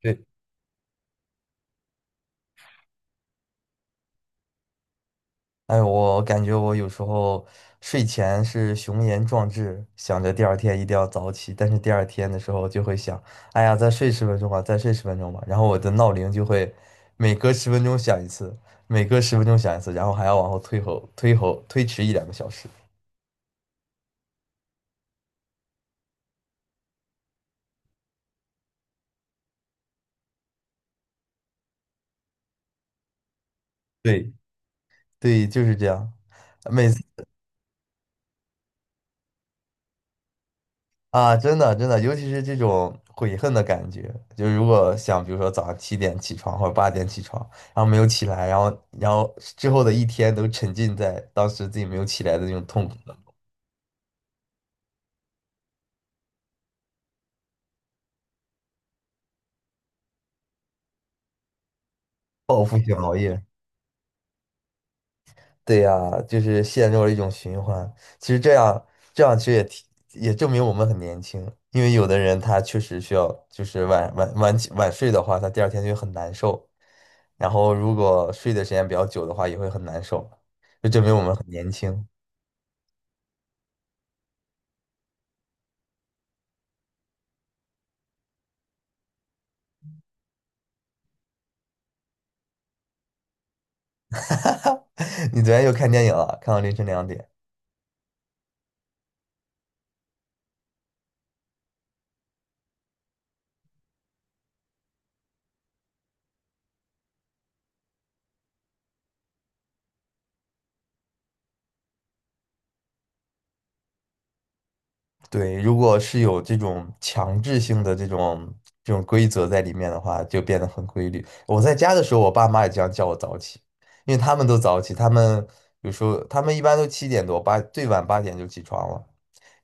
对，哎，我感觉我有时候睡前是雄言壮志，想着第二天一定要早起，但是第二天的时候就会想，哎呀，再睡十分钟吧，再睡十分钟吧，然后我的闹铃就会每隔十分钟响一次，然后还要往后推迟一两个小时。对对，就是这样，每次啊，真的真的，尤其是这种悔恨的感觉，就是如果想，比如说早上七点起床或者八点起床，然后没有起来，然后之后的一天都沉浸在当时自己没有起来的那种痛苦的报复性熬夜。对呀，就是陷入了一种循环。其实这样其实也证明我们很年轻，因为有的人他确实需要，就是晚起晚睡的话，他第二天就会很难受，然后如果睡的时间比较久的话，也会很难受，就证明我们很年轻。哈哈，你昨天又看电影了，看到凌晨2点。对，如果是有这种强制性的这种规则在里面的话，就变得很规律。我在家的时候，我爸妈也经常叫我早起，因为他们都早起，他们有时候他们一般都七点多，最晚八点就起床了，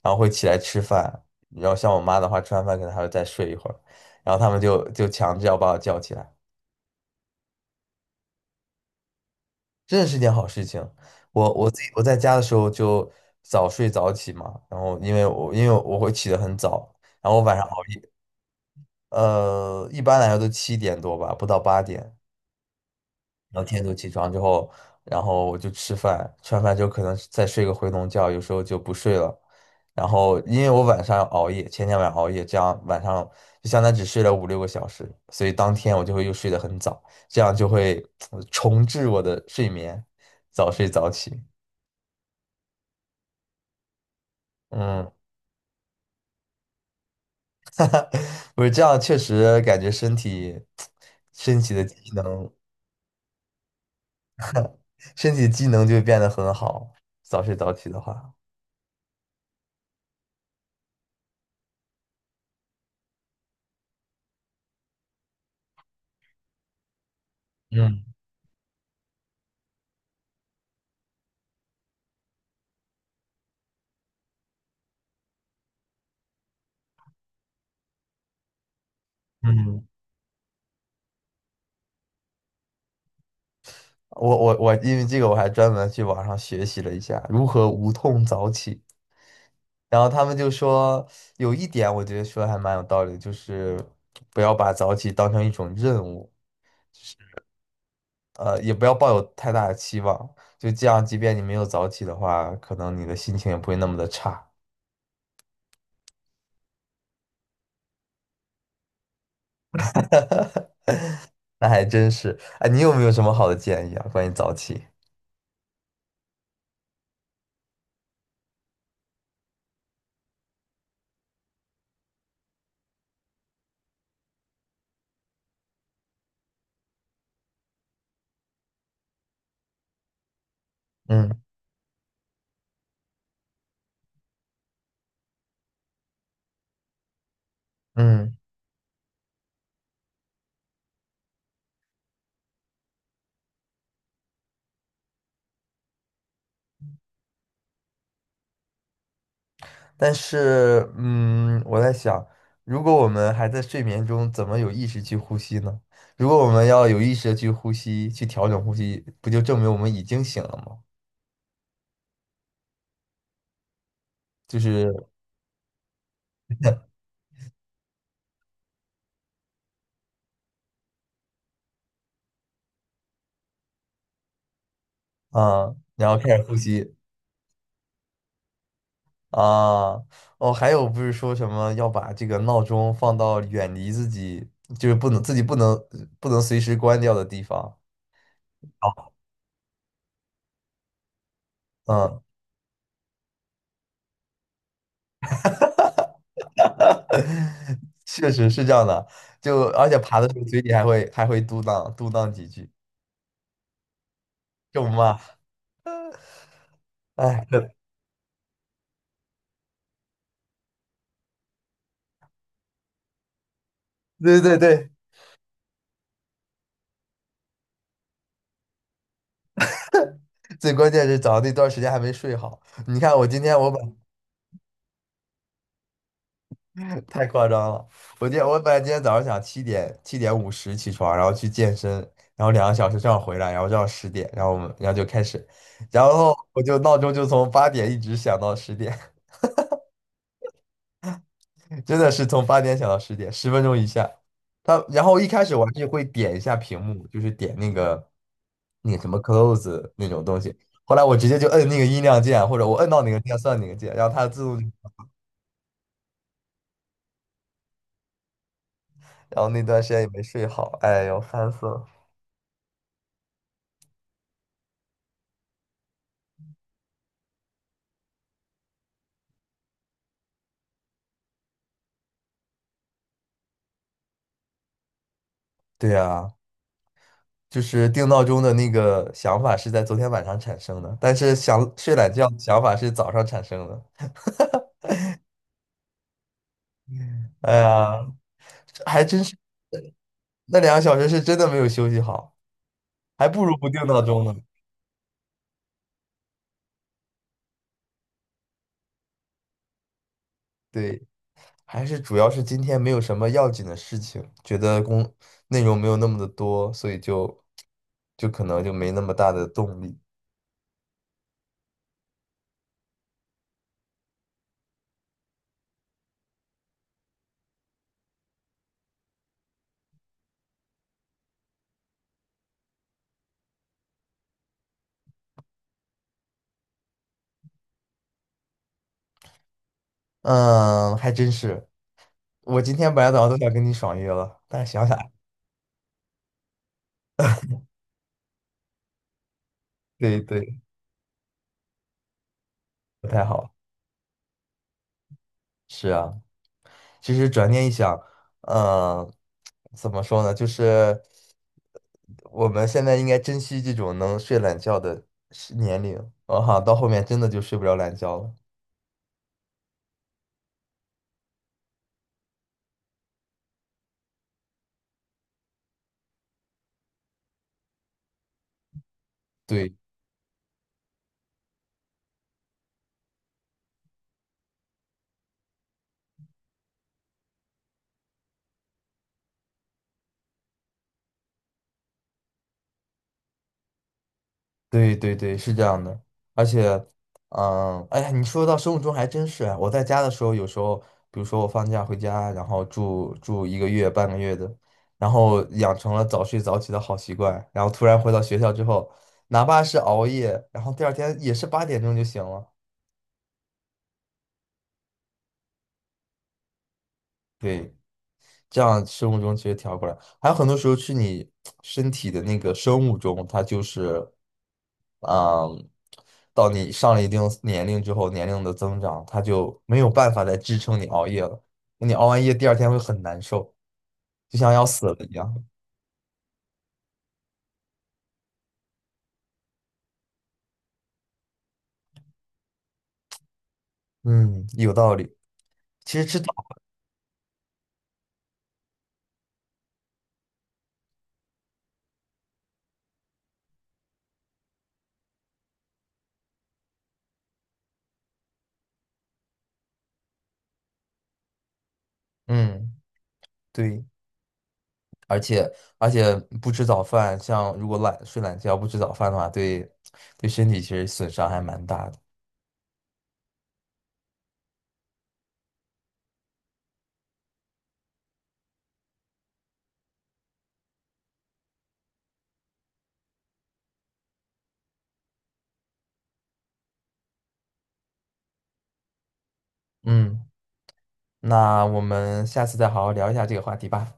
然后会起来吃饭。然后像我妈的话，吃完饭可能还要再睡一会儿，然后他们就强制要把我叫起来。真的是件好事情。我自己在家的时候就早睡早起嘛，然后因为我会起得很早，然后晚上熬夜，一般来说都七点多吧，不到八点，然后天都起床之后，然后我就吃饭，吃完饭之后可能再睡个回笼觉，有时候就不睡了。然后因为我晚上熬夜，前天晚上熬夜，这样晚上就相当于只睡了五六个小时，所以当天我就会又睡得很早，这样就会 重置我的睡眠，早睡早起。嗯，不是这样，确实感觉身体的机能，身体机能就会变得很好。早睡早起的话，嗯嗯，我，因为这个我还专门去网上学习了一下如何无痛早起。然后他们就说有一点，我觉得说得还蛮有道理的就是不要把早起当成一种任务，也不要抱有太大的期望。就这样，即便你没有早起的话，可能你的心情也不会那么的差。那还真是。哎，你有没有什么好的建议啊？关于早起？嗯嗯，但是我在想，如果我们还在睡眠中，怎么有意识去呼吸呢？如果我们要有意识的去呼吸，去调整呼吸，不就证明我们已经醒了吗？就是啊，然后开始呼吸啊。哦，还有不是说什么要把这个闹钟放到远离自己，就是不能自己不能不能随时关掉的地方。嗯，确实是这样的，就而且爬的时候嘴里还会嘟囔嘟囔几句，咒骂，哎，对对对，最关键是早上那段时间还没睡好。你看我今天我本 太夸张了，我今天我本来今天早上想7:50起床，然后去健身，然后两个小时这样回来，然后这样十点，然后我们就开始，然后我就闹钟就从八点一直响到十点。真的是从八点想到十点，十分钟以下。他然后一开始我还是会点一下屏幕，就是点那个什么 close 那种东西。后来我直接就摁那个音量键，或者我摁到哪个键算哪个键，然后它自动，然后那段时间也没睡好，哎呦，烦死了。对呀，就是定闹钟的那个想法是在昨天晚上产生的，但是想睡懒觉的想法是早上产生的。哎呀，还真是，那两个小时是真的没有休息好，还不如不定闹钟呢。对，还是主要是今天没有什么要紧的事情，觉得内容没有那么的多，所以就可能就没那么大的动力。嗯，还真是，我今天本来早上都想跟你爽约了，但是想想，对对，不太好。是啊，其实转念一想，嗯，怎么说呢，就是我们现在应该珍惜这种能睡懒觉的年龄，我哈，到后面真的就睡不着懒觉了。对。对对对，是这样的，而且，嗯，哎呀，你说到生物钟还真是啊。我在家的时候，有时候，比如说我放假回家，然后住一个月、半个月的，然后养成了早睡早起的好习惯，然后突然回到学校之后，哪怕是熬夜，然后第二天也是8点钟就醒了。对，这样生物钟其实调过来，还有很多时候是你身体的那个生物钟，它就是。嗯，到你上了一定年龄之后，年龄的增长，它就没有办法再支撑你熬夜了。你熬完夜，第二天会很难受，就像要死了一样。嗯，有道理。其实嗯，对，而且而且不吃早饭，像如果懒睡懒觉不吃早饭的话，对身体其实损伤还蛮大的。嗯，那我们下次再好好聊一下这个话题吧。